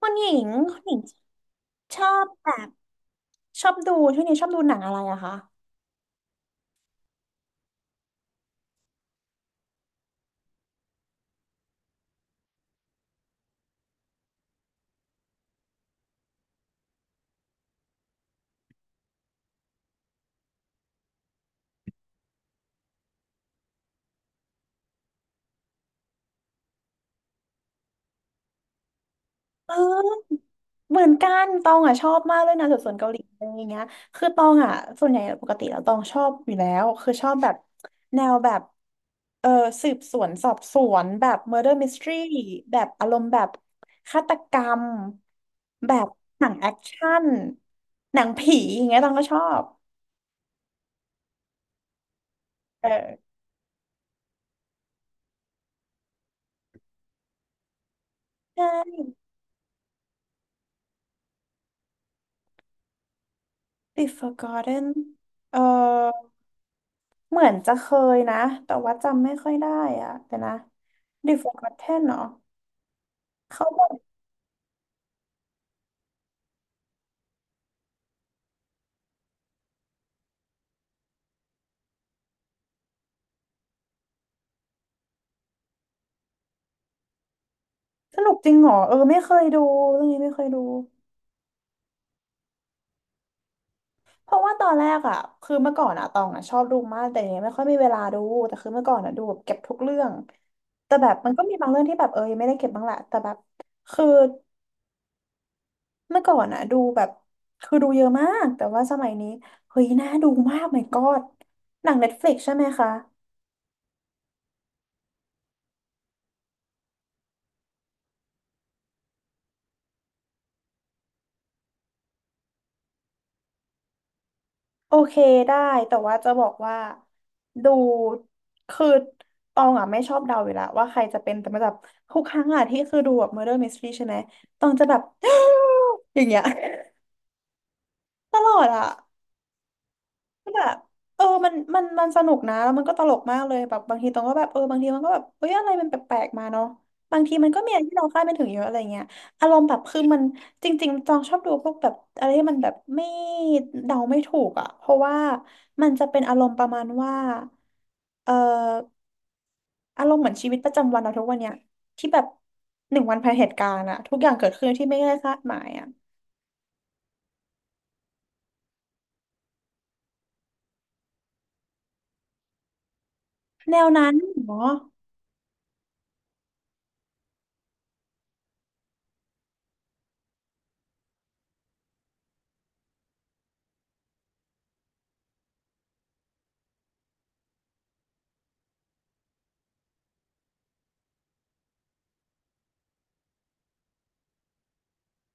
คุณหญิงคุณหญิงชอบแบบชอบดูช่วงนี้ชอบดูหนังอะไรอะคะเออเหมือนกันตองอะชอบมากเลยนะสืบสวนเกาหลีอะไรอย่างเงี้ยคือตองอะส่วนใหญ่ปกติแล้วตองชอบอยู่แล้วคือชอบแบบแนวแบบเออสืบสวนสอบสวนแบบ murder mystery แบบอารมณ์แบบฆาตกรรมแบบหนังแอคชั่นหนังผีอย่างเงี้ยตองก็ชอบเออใช่ b e Forgotten เออ เหมือนจะเคยนะแต่ว่าจำไม่ค่อยได้อะแต่นะ The Forgotten เนาะเขาบอกสนุกจริงเหรอเออไม่เคยดูเรื่องนี้ไม่เคยดูเพราะว่าตอนแรกอะคือเมื่อก่อนอะตองอะชอบดูมากแต่เนี้ยไม่ค่อยมีเวลาดูแต่คือเมื่อก่อนอะดูแบบเก็บทุกเรื่องแต่แบบมันก็มีบางเรื่องที่แบบเออยังไม่ได้เก็บบ้างแหละแต่แบบคือเมื่อก่อนอะดูแบบคือดูเยอะมากแต่ว่าสมัยนี้เฮ้ยน่าดูมาก my god หนัง Netflix ใช่ไหมคะ โอเคได้แต่ว่าจะบอกว่าดูคือตองอ่ะไม่ชอบเดาอยู่แล้วว่าใครจะเป็นแต่มันแบบทุกครั้งอ่ะที่คือดูแบบ Murder Mystery ใช่ไหมตองจะแบบ อย่างเงี้ย ตลอดอ่ะ ก็แบบเออมันสนุกนะแล้วมันก็ตลกมากเลยแบบบางทีตรงก็แบบเออบางทีมันก็แบบเอ้ยอะไรมันแปลกๆมาเนาะบางทีมันก็มีอะไรที่เราคาดไม่ถึงเยอะอะไรเงี้ยอารมณ์แบบคือมันจริงๆจองชอบดูพวกแบบอะไรที่มันแบบไม่เดาไม่ถูกอ่ะเพราะว่ามันจะเป็นอารมณ์ประมาณว่าเอ่ออารมณ์เหมือนชีวิตประจำวันเราทุกวันเนี้ยที่แบบหนึ่งวันภายเหตุการณ์อะทุกอย่างเกิดขึ้นที่ไม่ได้คาดหมายอะแนวนั้นเหรอ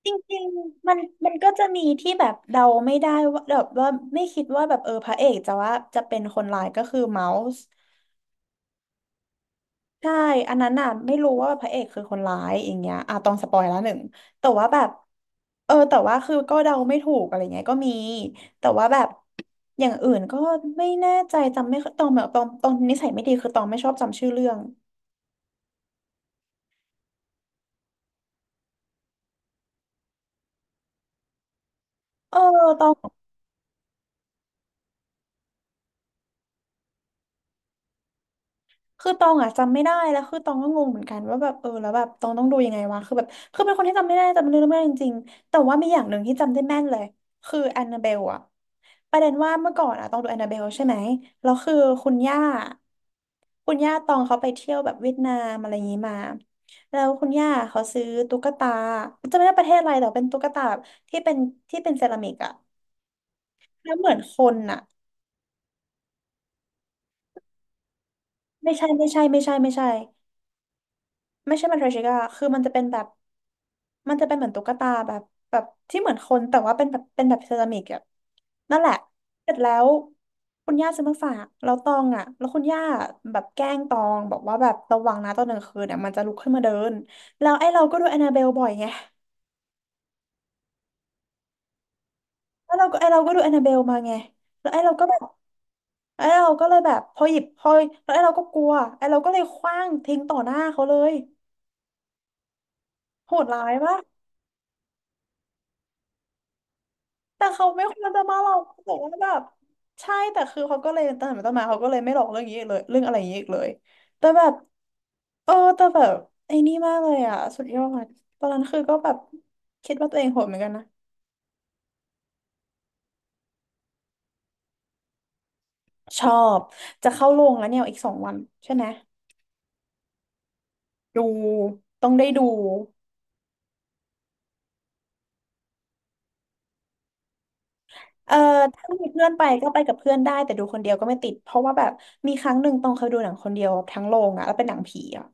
จริงๆมันก็จะมีที่แบบเดาไม่ได้ว่าแบบว่าไม่คิดว่าแบบเออพระเอกจะว่าจะเป็นคนร้ายก็คือเมาส์ใช่อันนั้นน่ะไม่รู้ว่าพระเอกคือคนร้ายอย่างเงี้ยอ่ะต้องสปอยแล้วหนึ่งแต่ว่าแบบเออแต่ว่าคือก็เดาไม่ถูกอะไรเงี้ยก็มีแต่ว่าแบบอย่างอื่นก็ไม่แน่ใจจำไม่ค่อยตองแบบตองนิสัยไม่ดีคือตองไม่ชอบจำชื่อเรื่องเออตอง คือตองอ่ะจำไม่ได้แล้วคือตองก็งงเหมือนกันว่าแบบเออแล้วแบบตองต้องดูยังไงวะคือแบบคือเป็นคนที่จำไม่ได้จำเรื่องไม่ได้จริงๆแต่ว่ามีอย่างหนึ่งที่จำได้แม่นเลยคือแอนนาเบลอะประเด็นว่าเมื่อก่อนอะตองดูแอนนาเบลใช่ไหมแล้วคือคุณย่าคุณย่าตองเขาไปเที่ยวแบบเวียดนามอะไรอย่างนี้มาแล้วคุณย่าเขาซื้อตุ๊กตาจำไม่ได้ประเทศอะไรแต่เป็นตุ๊กตาแบบที่เป็นที่เป็นเซรามิกอะแล้วเหมือนคนอะไม่ใช่ไม่ใช่ไม่ใช่ไม่ใช่ ไม่ใช่มันเทรชิก้าคือมันจะเป็นแบบมันจะเป็นเหมือนตุ๊กตาแบบแบบที่เหมือนคนแต่ว่าเป็นแบบเซรามิกอะนั่นแหละเสร็จแล้วคุณย่าซื้อมาฝากแล้วตองอะแล้วคุณย่าแบบแกล้งตองบอกว่าแบบระวังนะตอนกลางคืนเนี่ยมันจะลุกขึ้นมาเดินแล้วไอ้เราก็ดูแอนนาเบลบ่อยไงแล้วเราก็ไอ้เราก็ดูแอนนาเบลมาไงแล้วไอ้เราก็แบบไอ้เราก็เลยแบบพอหยิบพอแล้วไอ้เราก็กลัวไอ้เราก็เลยขว้างทิ้งต่อหน้าเขาเลยโหดร้ายปะ แต่เขาไม่ควรจะมาหลอกบอกว่าแบบใช่แต่คือเขาก็เลยตั้งแต่ต้นมาเขาก็เลยไม่หลอกเรื่องนี้อีกเลยเรื่องอะไรอย่างนี้อีกเลยแต่แบบเออแต่แบบไอ้นี่มากเลยอ่ะสุดยอดตอนนั้นคือก็แบบคิดว่าตัวเองโหดเหมือนกันนะชอบจะเข้าโรงแล้วเนี่ยอีกสองวันใช่ไหมดูต้องได้ดูเออถ้ามีเพื่อนไปก็ไปกับเพื่อนได้แต่ดูคนเดียวก็ไม่ติดเพราะว่าแบบมีครั้งหนึ่งตองเคยดูหนังคนเดียวทั้งโรงอ่ะแล้วเป็นหนังผีอ่ะ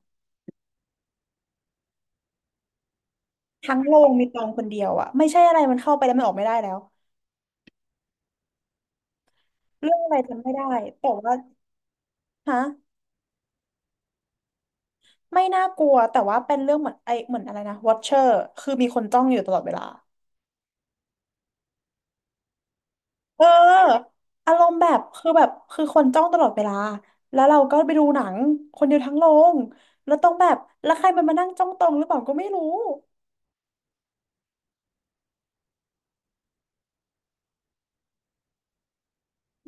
ทั้งโรงมีตองคนเดียวอ่ะไม่ใช่อะไรมันเข้าไปแล้วมันออกไม่ได้แล้ว เรื่องอะไรจำไม่ได้แต่ว่าฮะไม่น่ากลัวแต่ว่าเป็นเรื่องเหมือนไอเหมือนอะไรนะ Watcher คือมีคนจ้องอยู่ตลอดเวลาเอออารมณ์แบบคือคนจ้องตลอดเวลาแล้วเราก็ไปดูหนังคนเดียวทั้งโรงแล้วต้องแบบแล้วใครมันมานั่งจ้องตรงหรือเปล่าก็ไม่รู้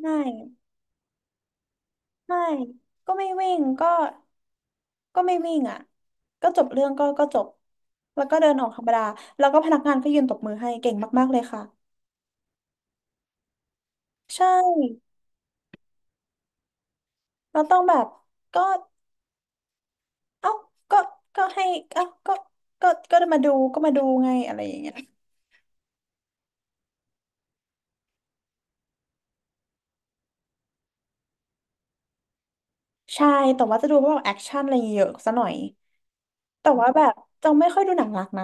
ไม่ไม่ก็ไม่วิ่งก็ไม่วิ่งอ่ะก็จบเรื่องก็จบแล้วก็เดินออกธรรมดาแล้วก็พนักงานก็ยืนตบมือให้เก่งมากๆเลยค่ะใช่ เราต้องแบบก็เอ้าก็ก็ให้เอ้าก็มาดูก็มาดูไงอะไรอย่างเงี้ยใช่แต่ว่าจะดูพวกแอคชั่นอะไรเยอะซะหน่อยแต่ว่าแบบจะไม่ค่อยดูหนังรักนะ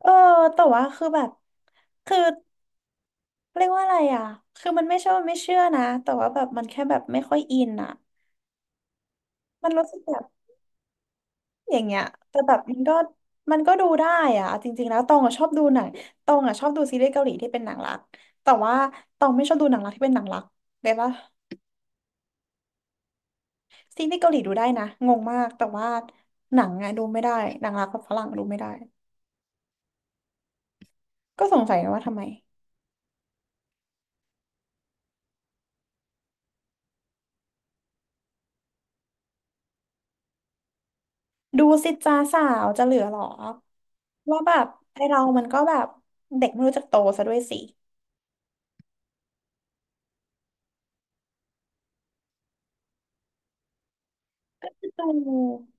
เออแต่ว่าคือแบบคือเรียกว่าอะไรอ่ะคือมันไม่ใช่ว่าไม่เชื่อนะแต่ว่าแบบมันแค่แบบไม่ค่อยอินอ่ะมันรู้สึกแบบอย่างเงี้ยแต่แบบมันก็ดูได้อ่ะเอาจริงๆแล้วตองอ่ะชอบดูหนังตองอ่ะชอบดูซีรีส์เกาหลีที่เป็นหนังรักแต่ว่าตองไม่ชอบดูหนังรักที่เป็นหนังรักเลยปะ ซีรีส์เกาหลีดูได้นะงงมาก แต่ว่าหนังอะดูไม่ได้หนังรักกับฝรั่งดูไม่ได้ก็สงสัยว่าทำไมดูสิจ้าสาวจะเหลือหรอว่าแบบไอเรามันก็แบบเด็กไม่รู้จักโตซะด้วยสิดู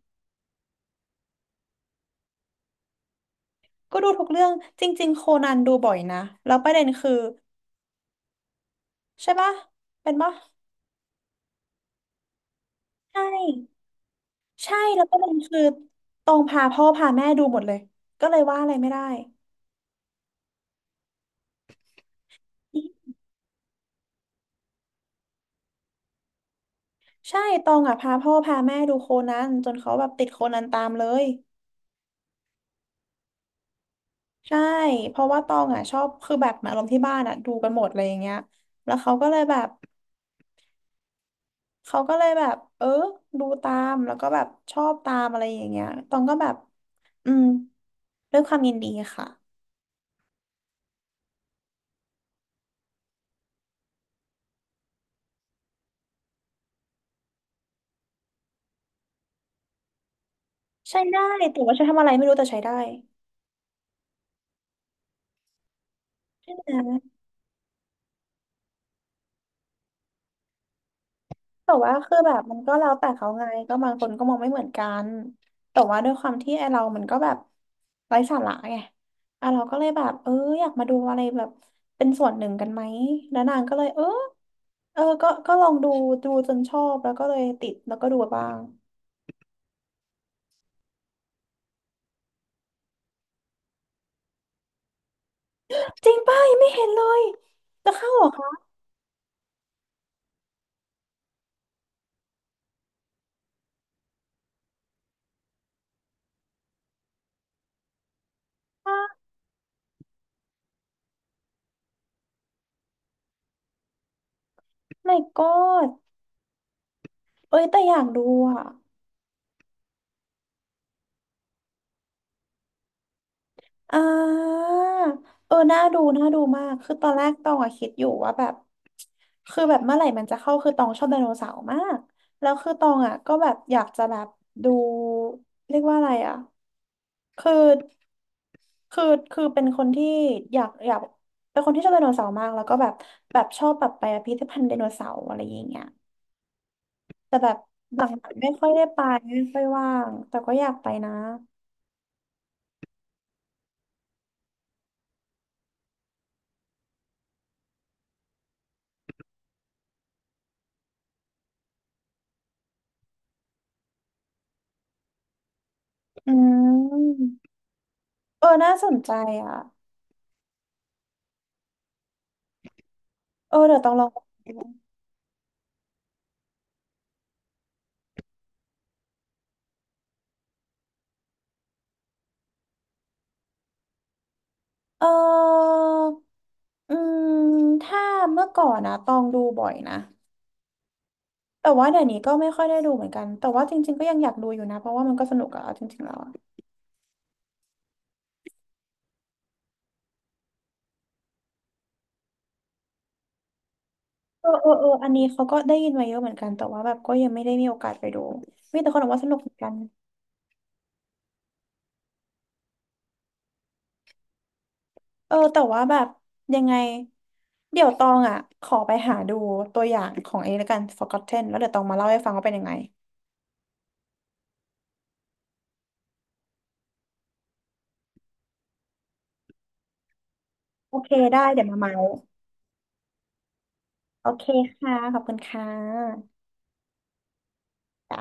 ก็ดูทุกเรื่อง จริงๆโคนันดูบ่อยนะ แล้วประเด็นคือใช่ปะเป็นปะใช่ ใช่แล้วประเด็นคือตองพาพ่อพาแม่ดูหมดเลยก็เลยว่าอะไรไม่ได้ใช่ตองอ่ะพาพ่อพาแม่ดูโคนันจนเขาแบบติดโคนันตามเลย ใช่ เพราะว่าตองอ่ะชอบคือแบบเหมือนอารมณ์ที่บ้านอ่ะดูกันหมดอะไรอย่างเงี้ยแล้วเขาก็เลยแบบเขาก็เลยแบบเออดูตามแล้วก็แบบชอบตามอะไรอย่างเงี้ยตองก็แบบอืมด้วยความยินดีค่ะใช้ได้แต่ว่าใช้ทำอะไรไม่รู้แต่ใช้ได้ แต่ว่าคือแบบมันก็แล้วแต่เขาไงก็บางคนก็มองไม่เหมือนกันแต่ว่าด้วยความที่ไอเรามันก็แบบไร้สาระไงอ่ะเราก็เลยแบบเอออยากมาดูอะไรแบบเป็นส่วนหนึ่งกันไหมแล้วนางก็เลยเออเออก็ลองดูดูจนชอบแล้วก็เลยติดแล้วก็ดูบ้างจริงป่ะยังไม่เห็นเลยจะเข้าเหรอคะ Oh My God เอ้ยแต่อยากดูอ่ะ อ่าเออน่าดูน่าดูมากคือตอนแรกตองอะคิดอยู่ว่าแบบคือแบบเมื่อไหร่มันจะเข้าคือตองชอบไดโนเสาร์มากแล้วคือตองอะก็แบบอยากจะแบบดูเรียกว่าอะไรอะคือคือคือเป็นคนที่อยากเป็นคนที่ชอบไดโนเสาร์มากแล้วก็แบบแบบชอบแบบไปพิพิธภัณฑ์ไดโนเสาร์อะไรอย่างเงี้ยแต่แบบหลังๆไม่ค่อยได้ไปไม่ค่อยว่างแต่ก็อยากไปนะอืมเออน่าสนใจอ่ะ เออเดี๋ยวต้องลองดูเอออืมถ้าเมื่อก่อนนะตองดูบ่อยนะแต่ว่าเดี๋ยวนี้ก็ไม่ค่อยได้ดูเหมือนกันแต่ว่าจริงๆก็ยังอยากดูอยู่นะเพราะว่ามันก็สนุกอะเอาจริงๆแล้วอะเอออันนี้เขาก็ได้ยินมาเยอะเหมือนกันแต่ว่าแบบก็ยังไม่ได้มีโอกาสไปดูมีแต่คนบอกว่าสนุกเหมือนกันเออแต่ว่าแบบยังไงเดี๋ยวตองอ่ะขอไปหาดูตัวอย่างของไอ้นี่แล้วกัน Forgotten แล้วเดี๋ยวตองมาเล่าให้ฟังว่าเป็นยังไงโอเคได้เดี๋ยวมาเมาโอเคค่ะขอบคุณค่ะจ้ะ